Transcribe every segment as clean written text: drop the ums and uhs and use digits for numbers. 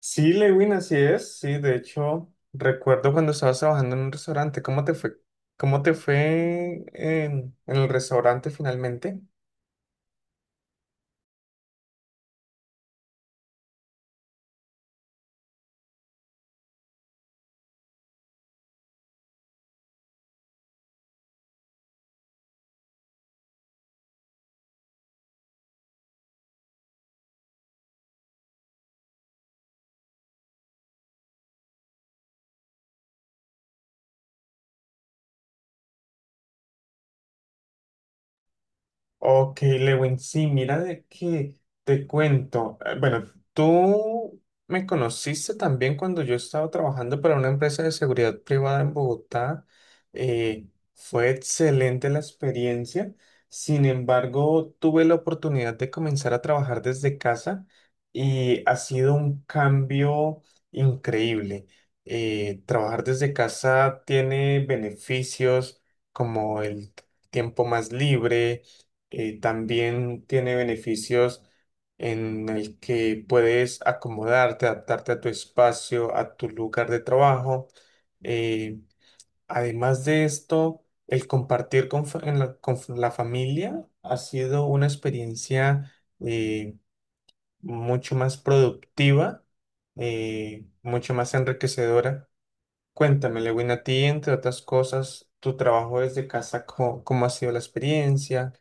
Sí, Lewin, así es. Sí, de hecho, recuerdo cuando estabas trabajando en un restaurante, ¿cómo te fue? ¿Cómo te fue en, el restaurante finalmente? Ok, Lewin, sí, mira de qué te cuento. Bueno, tú me conociste también cuando yo estaba trabajando para una empresa de seguridad privada en Bogotá. Eh, Fue excelente la experiencia. Sin embargo, tuve la oportunidad de comenzar a trabajar desde casa y ha sido un cambio increíble. Trabajar desde casa tiene beneficios como el tiempo más libre, también tiene beneficios en el que puedes acomodarte, adaptarte a tu espacio, a tu lugar de trabajo. Eh, Además de esto, el compartir en la, con la familia ha sido una experiencia, eh, mucho más productiva, mucho más enriquecedora. Cuéntame, Lewin, a ti, entre otras cosas, tu trabajo desde casa, ¿cómo ha sido la experiencia?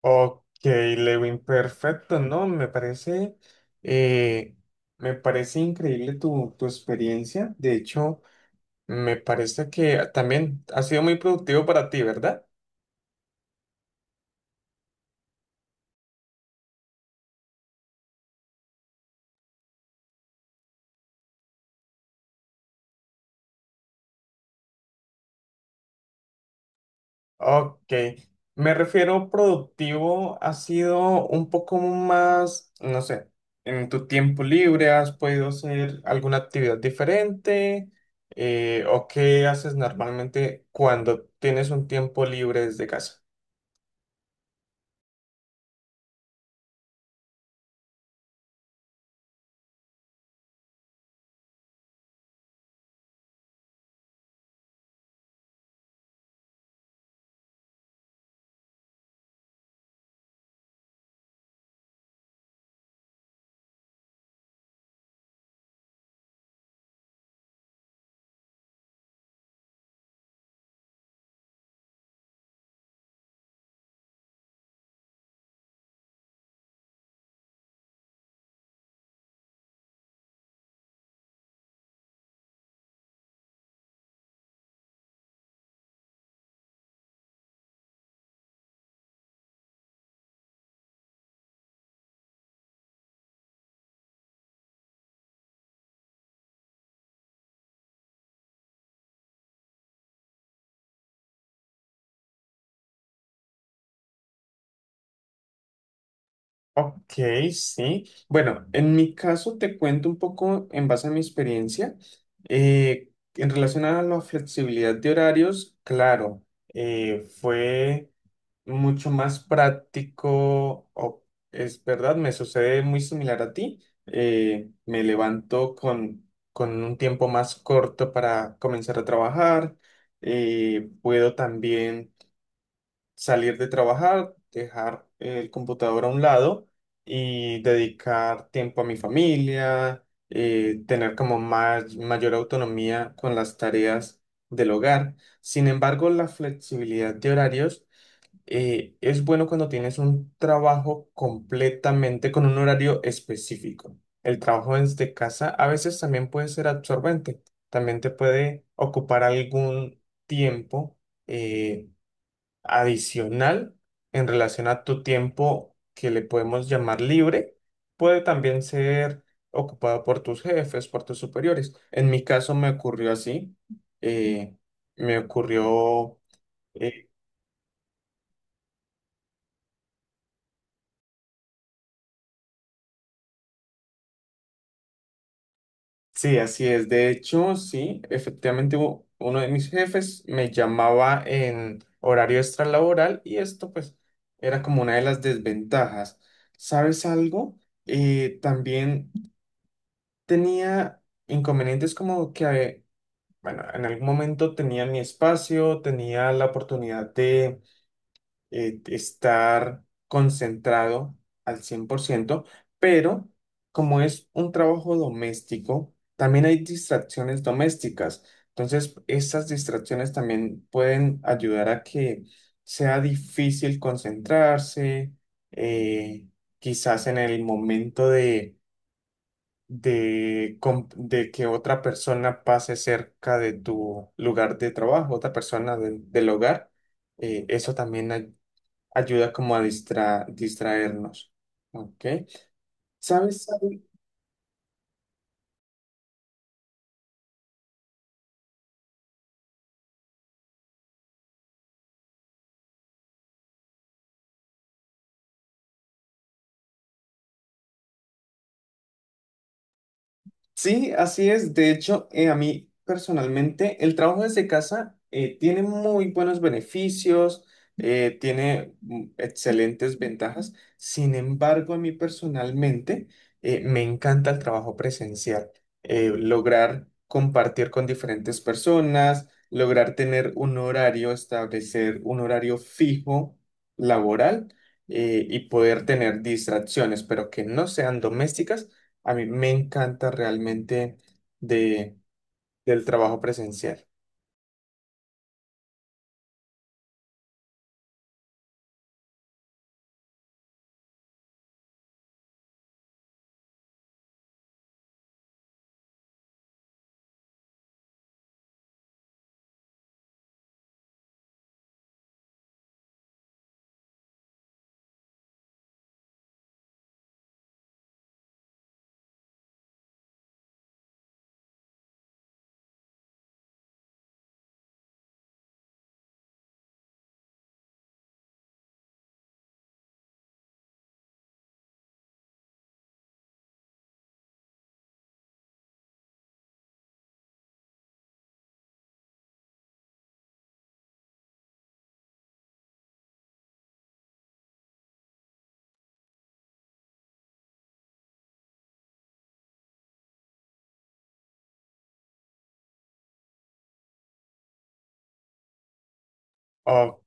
Ok, Lewin, perfecto, ¿no? Eh, me parece increíble tu experiencia. De hecho, me parece que también ha sido muy productivo para ti, ¿verdad? Ok, me refiero productivo, ha sido un poco más, no sé, en tu tiempo libre, ¿has podido hacer alguna actividad diferente? ¿O qué haces normalmente cuando tienes un tiempo libre desde casa? Ok, sí. Bueno, en mi caso te cuento un poco en base a mi experiencia. En relación a la flexibilidad de horarios, claro, fue mucho más práctico, es verdad, me sucede muy similar a ti. Me levanto con un tiempo más corto para comenzar a trabajar. Puedo también salir de trabajar, dejar el computador a un lado y dedicar tiempo a mi familia, tener como más, mayor autonomía con las tareas del hogar. Sin embargo, la flexibilidad de horarios, es bueno cuando tienes un trabajo completamente con un horario específico. El trabajo desde casa a veces también puede ser absorbente, también te puede ocupar algún tiempo eh, adicional en relación a tu tiempo que le podemos llamar libre, puede también ser ocupado por tus jefes, por tus superiores. En mi caso me ocurrió así, eh, me ocurrió, eh, sí, así es. De hecho, sí, efectivamente uno de mis jefes me llamaba en horario extralaboral y esto pues era como una de las desventajas. ¿Sabes algo? También tenía inconvenientes como que, bueno, en algún momento tenía mi espacio, tenía la oportunidad de estar concentrado al cien por ciento, pero como es un trabajo doméstico, también hay distracciones domésticas. Entonces, esas distracciones también pueden ayudar a que sea difícil concentrarse, eh, quizás en el momento de de que otra persona pase cerca de tu lugar de trabajo, otra persona del hogar, eso también ayuda como a distraernos. ¿Ok? ¿Sabes? Sí, así es. De hecho, a mí personalmente el trabajo desde casa, tiene muy buenos beneficios, tiene mm, excelentes ventajas. Sin embargo, a mí personalmente, me encanta el trabajo presencial. Lograr compartir con diferentes personas, lograr tener un horario, establecer un horario fijo laboral, y poder tener distracciones, pero que no sean domésticas, a mí me encanta realmente de, del trabajo presencial. Ok,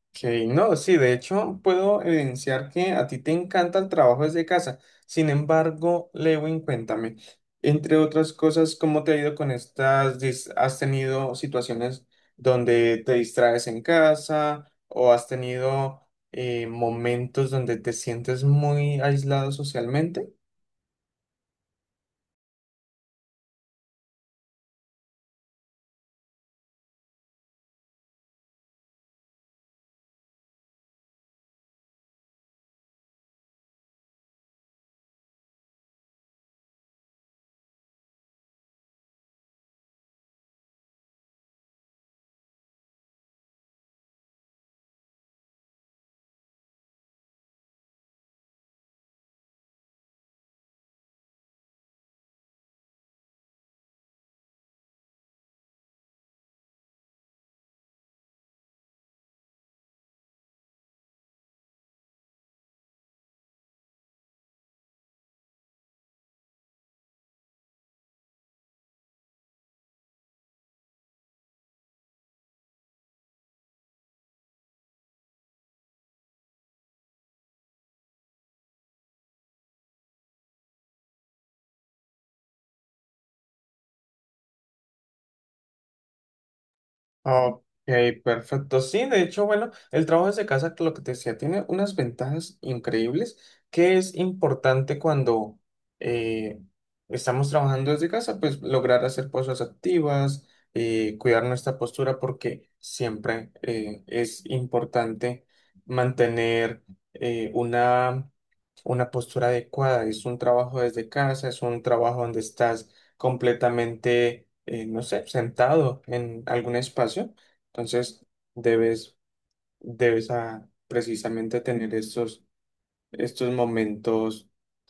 no, sí, de hecho puedo evidenciar que a ti te encanta el trabajo desde casa. Sin embargo, Lewin, cuéntame, entre otras cosas, ¿cómo te ha ido con estas? ¿Has tenido situaciones donde te distraes en casa o has tenido, momentos donde te sientes muy aislado socialmente? Ok, perfecto. Sí, de hecho, bueno, el trabajo desde casa, lo que te decía, tiene unas ventajas increíbles que es importante cuando eh, estamos trabajando desde casa, pues lograr hacer cosas activas, cuidar nuestra postura, porque siempre es importante mantener, eh, una una postura adecuada. Es un trabajo desde casa, es un trabajo donde estás completamente, no sé, sentado en algún espacio. Entonces, debes, debes ah, precisamente tener estos momentos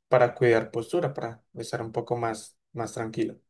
para cuidar postura, para estar un poco más, más tranquilo.